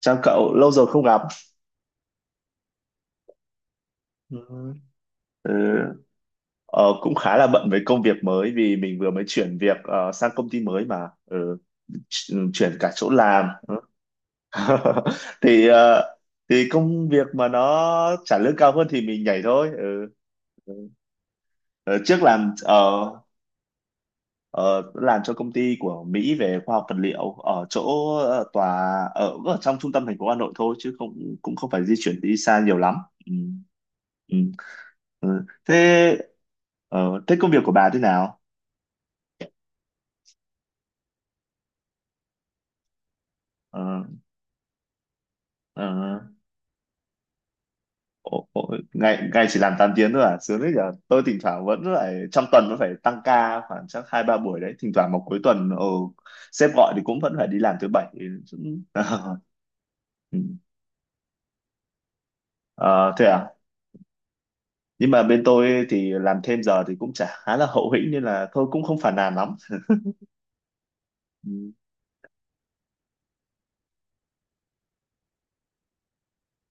Chào cậu, lâu rồi không gặp. Ừ. Ừ, ờ, cũng khá là bận với công việc mới vì mình vừa mới chuyển việc sang công ty mới mà chuyển cả chỗ làm. Ừ. Thì ờ, thì công việc mà nó trả lương cao hơn thì mình nhảy thôi. Ừ. Ờ, trước làm ờ, Ờ, làm cho công ty của Mỹ về khoa học vật liệu ở chỗ tòa ở trong trung tâm thành phố Hà Nội thôi, chứ không cũng không phải di chuyển đi xa nhiều lắm. Ừ. Ừ. Ừ. Thế công việc của bà thế nào? Ờ, ờ, ồ, ngày ngày chỉ làm 8 tiếng thôi à? Sướng đấy nhở. Tôi thỉnh thoảng vẫn phải, trong tuần vẫn phải tăng ca khoảng chắc hai ba buổi đấy. Thỉnh thoảng vào cuối tuần sếp gọi thì cũng vẫn phải đi làm thứ bảy. Cũng- Ừ. Ờ, thế à? Nhưng mà bên tôi thì làm thêm giờ thì cũng chả khá là hậu hĩnh, nên là thôi, cũng không phản nàn lắm. Ừ.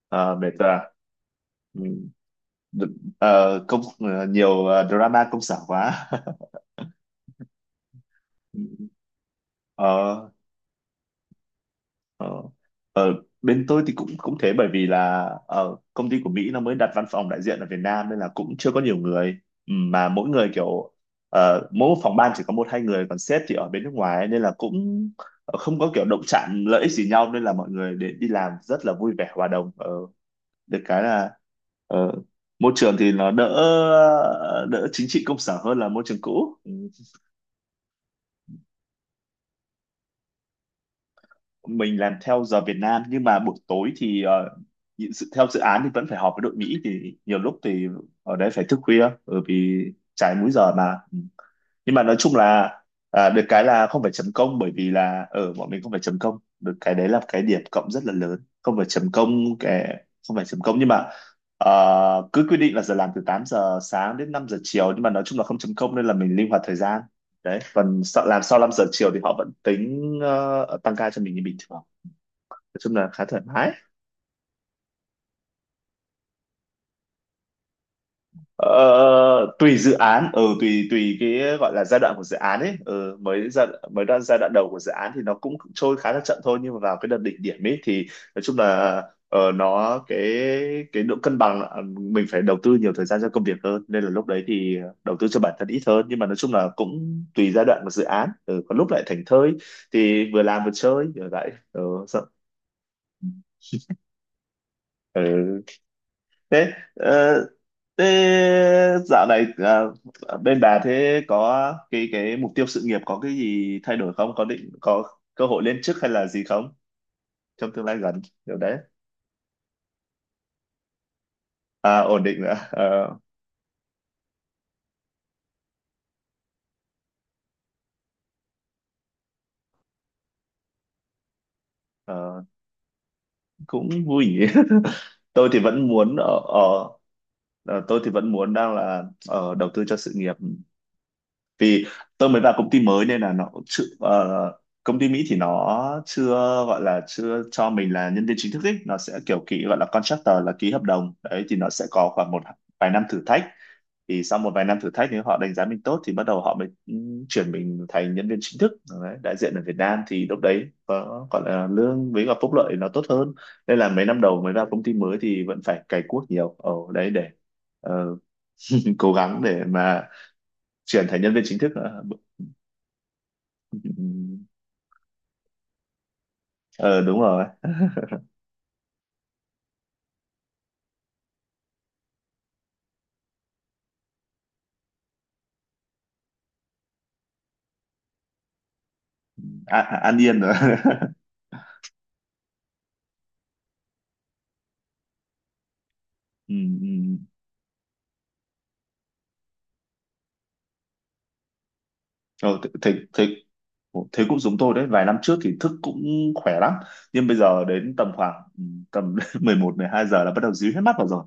Ờ, mệt rồi à? Ừ. Đ- nhiều drama công sở quá. Ừ. ờ, ờ. Bên tôi thì cũng cũng thế, bởi vì là công ty của Mỹ nó mới đặt văn phòng đại diện ở Việt Nam nên là cũng chưa có nhiều người. Ừ, mà mỗi người kiểu mỗi phòng ban chỉ có một hai người, còn sếp thì ở bên nước ngoài ấy, nên là cũng không có kiểu động chạm lợi ích gì nhau, nên là mọi người để đi làm rất là vui vẻ hòa đồng. Ờ, Được cái là ờ, môi trường thì nó đỡ đỡ chính trị công sở hơn là môi trường cũ. Ừ. Mình làm theo giờ Việt Nam, nhưng mà buổi tối thì dự- theo dự án thì vẫn phải họp với đội Mỹ, thì nhiều lúc thì ở đấy phải thức khuya, bởi vì trái múi giờ mà. Nhưng mà nói chung là, à, được cái là không phải chấm công, bởi vì là ở bọn mình không phải chấm công, được cái đấy là cái điểm cộng rất là lớn, không phải chấm công cái không phải chấm công, nhưng mà cứ quy định là giờ làm từ 8 giờ sáng đến 5 giờ chiều, nhưng mà nói chung là không chấm công nên là mình linh hoạt thời gian đấy, còn sợ làm sau 5 giờ chiều thì họ vẫn tính tăng ca cho mình như bình thường. Nói chung là khá thoải mái. Ờ, tùy dự án, ừ tùy tùy cái gọi là giai đoạn của dự án ấy. Ừ, mới giai mới đoạn giai đoạn đầu của dự án thì nó cũng trôi khá là chậm thôi, nhưng mà vào cái đợt đỉnh điểm ấy thì nói chung là ờ, nó cái độ cân bằng là mình phải đầu tư nhiều thời gian cho công việc hơn, nên là lúc đấy thì đầu tư cho bản thân ít hơn. Nhưng mà nói chung là cũng tùy giai đoạn của dự án, có lúc lại thảnh thơi thì vừa làm vừa chơi rồi lại, sợ. Ừ. thế ờ, thế dạo này bên bà thế có cái mục tiêu sự nghiệp có cái gì thay đổi không, có định có cơ hội lên chức hay là gì không, trong tương lai gần kiểu đấy? À, ổn định à? Ờ, ờ, cũng vui nhỉ. tôi thì vẫn muốn ở, ở ờ, tôi thì vẫn muốn đang là ở đầu tư cho sự nghiệp, vì tôi mới vào công ty mới nên là nó cũng chưa, công ty Mỹ thì nó chưa gọi là chưa cho mình là nhân viên chính thức ấy, nó sẽ kiểu ký gọi là contractor, là ký hợp đồng đấy thì nó sẽ có khoảng một vài năm thử thách. Thì sau một vài năm thử thách nếu họ đánh giá mình tốt thì bắt đầu họ mới, chuyển mình thành nhân viên chính thức đấy, đại diện ở Việt Nam thì lúc đấy có gọi là lương với cả phúc lợi nó tốt hơn, nên là mấy năm đầu mới vào công ty mới thì vẫn phải cày cuốc nhiều ở đấy để ờ, cố gắng để mà chuyển thành nhân viên chính thức. Ờ, Ừ. ờ Đúng rồi. À, à, an yên rồi. Ừ, ừ. Ờ, thế cũng giống tôi đấy, vài năm trước thì thức cũng khỏe lắm, nhưng bây giờ đến tầm khoảng, ừ, tầm 11, 12 giờ là bắt đầu díu hết mắt vào rồi.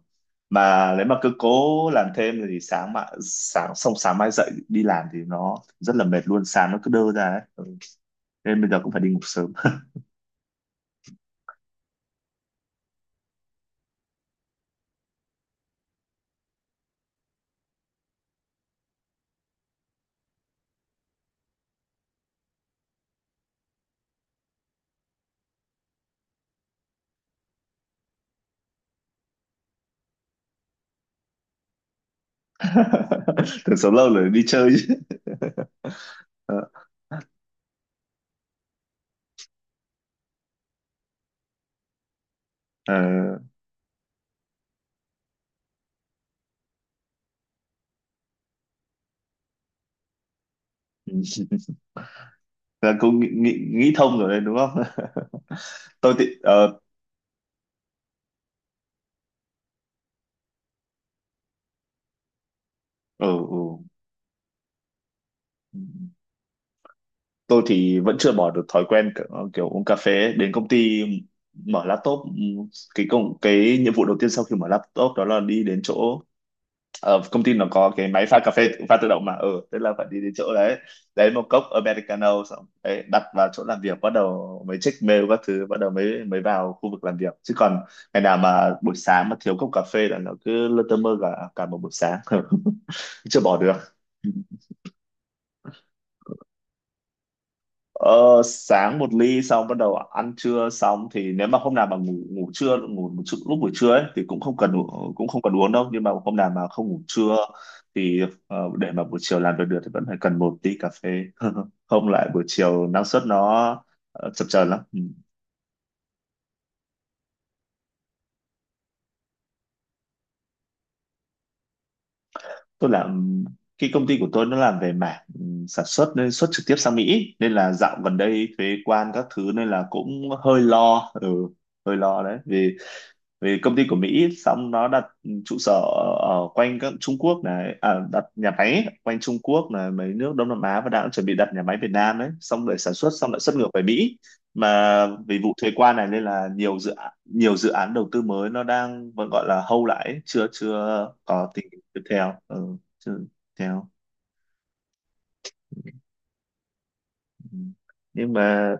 Mà nếu mà cứ cố làm thêm thì sáng mà sáng xong sáng mai dậy đi làm thì nó rất là mệt luôn, sáng nó cứ đơ ra ấy. Ừ. Nên bây giờ cũng phải đi ngủ sớm. Thường sớm lâu rồi đi chơi chứ. ờ, ờ, là cũng nghĩ thông rồi đấy đúng không? tôi thì ờ, ừ ừ tôi thì vẫn chưa bỏ được thói quen kiểu uống cà phê đến công ty, mở laptop. Cái nhiệm vụ đầu tiên sau khi mở laptop đó là đi đến chỗ, công ty nó có cái máy pha cà phê pha tự động mà, tức là phải đi đến chỗ đấy lấy một cốc americano, xong đấy đặt vào chỗ làm việc, bắt đầu mới check mail các thứ, bắt đầu mới mới vào khu vực làm việc. Chứ còn ngày nào mà buổi sáng mà thiếu cốc cà phê là nó cứ lơ tơ mơ cả cả một buổi sáng. Chưa bỏ được. Ờ, sáng một ly, xong bắt đầu ăn trưa xong thì nếu mà hôm nào mà ngủ ngủ trưa ngủ một lúc buổi trưa ấy thì cũng không cần, cũng không cần uống đâu, nhưng mà hôm nào mà không ngủ trưa thì để mà buổi chiều làm việc được thì vẫn phải cần một tí cà phê. Không lại buổi chiều năng suất nó chập chờn lắm. Ừ. Tôi làm cái công ty của tôi nó làm về mảng, sản xuất nên xuất trực tiếp sang Mỹ, nên là dạo gần đây thuế quan các thứ nên là cũng hơi lo, đấy vì vì công ty của Mỹ xong nó đặt trụ sở ở quanh các Trung Quốc này, à, đặt nhà máy quanh Trung Quốc này, mấy nước Đông Nam Á, và đang chuẩn bị đặt nhà máy Việt Nam đấy, xong để sản xuất xong lại xuất ngược về Mỹ. Mà vì vụ thuế quan này nên là nhiều dự án đầu tư mới nó đang vẫn gọi là hold lại ấy, chưa chưa có tình hình tiếp theo, ừ, chưa tiếp theo ừ. Nhưng mà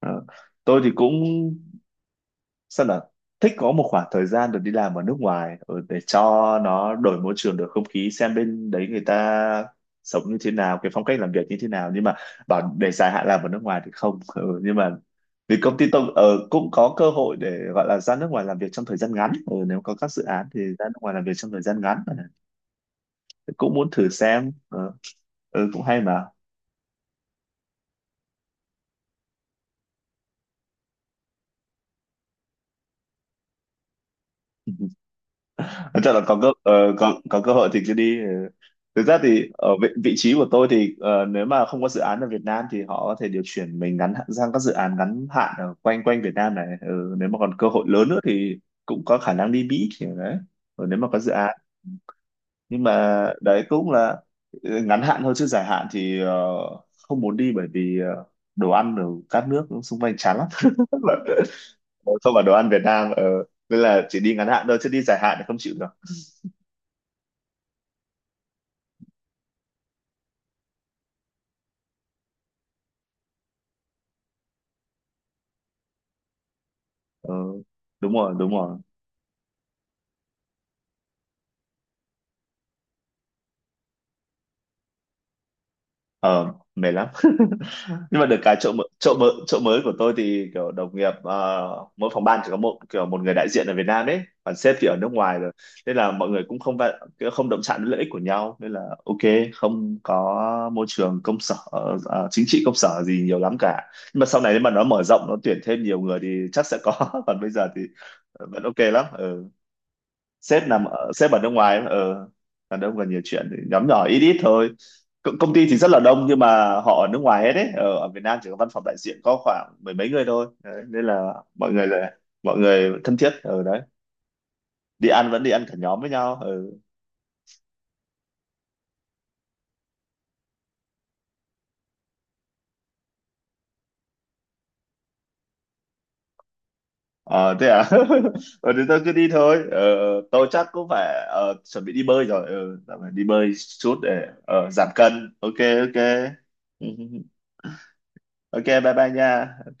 ờ, tôi thì cũng sao là thích có một khoảng thời gian được đi làm ở nước ngoài, để cho nó đổi môi trường đổi không khí, xem bên đấy người ta sống như thế nào, cái phong cách làm việc như thế nào, nhưng mà bảo để dài hạn làm ở nước ngoài thì không, nhưng mà vì công ty tôi cũng có cơ hội để gọi là ra nước ngoài làm việc trong thời gian ngắn, nếu có các dự án thì ra nước ngoài làm việc trong thời gian ngắn, cũng muốn thử xem. Ờ, ừ, cũng hay mà. Chắc là có cơ hội thì cứ đi. Ừ. Thực ra thì ở vị trí của tôi thì nếu mà không có dự án ở Việt Nam thì họ có thể điều chuyển mình, sang các dự án ngắn hạn ở quanh quanh Việt Nam này, nếu mà còn cơ hội lớn nữa thì cũng có khả năng đi Mỹ kiểu đấy, nếu mà có dự án. Nhưng mà đấy cũng là ngắn hạn thôi, chứ dài hạn thì không muốn đi, bởi vì đồ ăn ở các nước xung quanh chán lắm, không phải đồ ăn Việt Nam. Ờ, Nên là chỉ đi ngắn hạn thôi, chứ đi dài hạn thì không chịu được. Ờ, đúng rồi, đúng rồi. Ờ, mệt lắm. Nhưng mà được cái chỗ mới của tôi thì kiểu đồng nghiệp, mỗi phòng ban chỉ có một một người đại diện ở Việt Nam ấy, còn sếp thì ở nước ngoài rồi, nên là mọi người cũng không không động chạm đến lợi ích của nhau, nên là ok. Không có môi trường công sở, chính trị công sở gì nhiều lắm cả, nhưng mà sau này nếu mà nó mở rộng nó tuyển thêm nhiều người thì chắc sẽ có. Còn bây giờ thì vẫn ok lắm. Ừ. Sếp ở nước ngoài, ở đàn ông còn nhiều chuyện thì nhóm nhỏ ít ít thôi. Công ty thì rất là đông, nhưng mà họ ở nước ngoài hết đấy, ở Việt Nam chỉ có văn phòng đại diện có khoảng mười mấy người thôi đấy, nên là mọi người thân thiết ở đấy, đi ăn vẫn đi ăn cả nhóm với nhau. Ừ. Ờ, thế à? Ờ thì tôi cứ đi thôi, tôi chắc cũng phải, chuẩn bị đi bơi rồi, dạo này đi bơi chút để giảm cân. Ok. Ok. Ok, bye bye nha. Ok.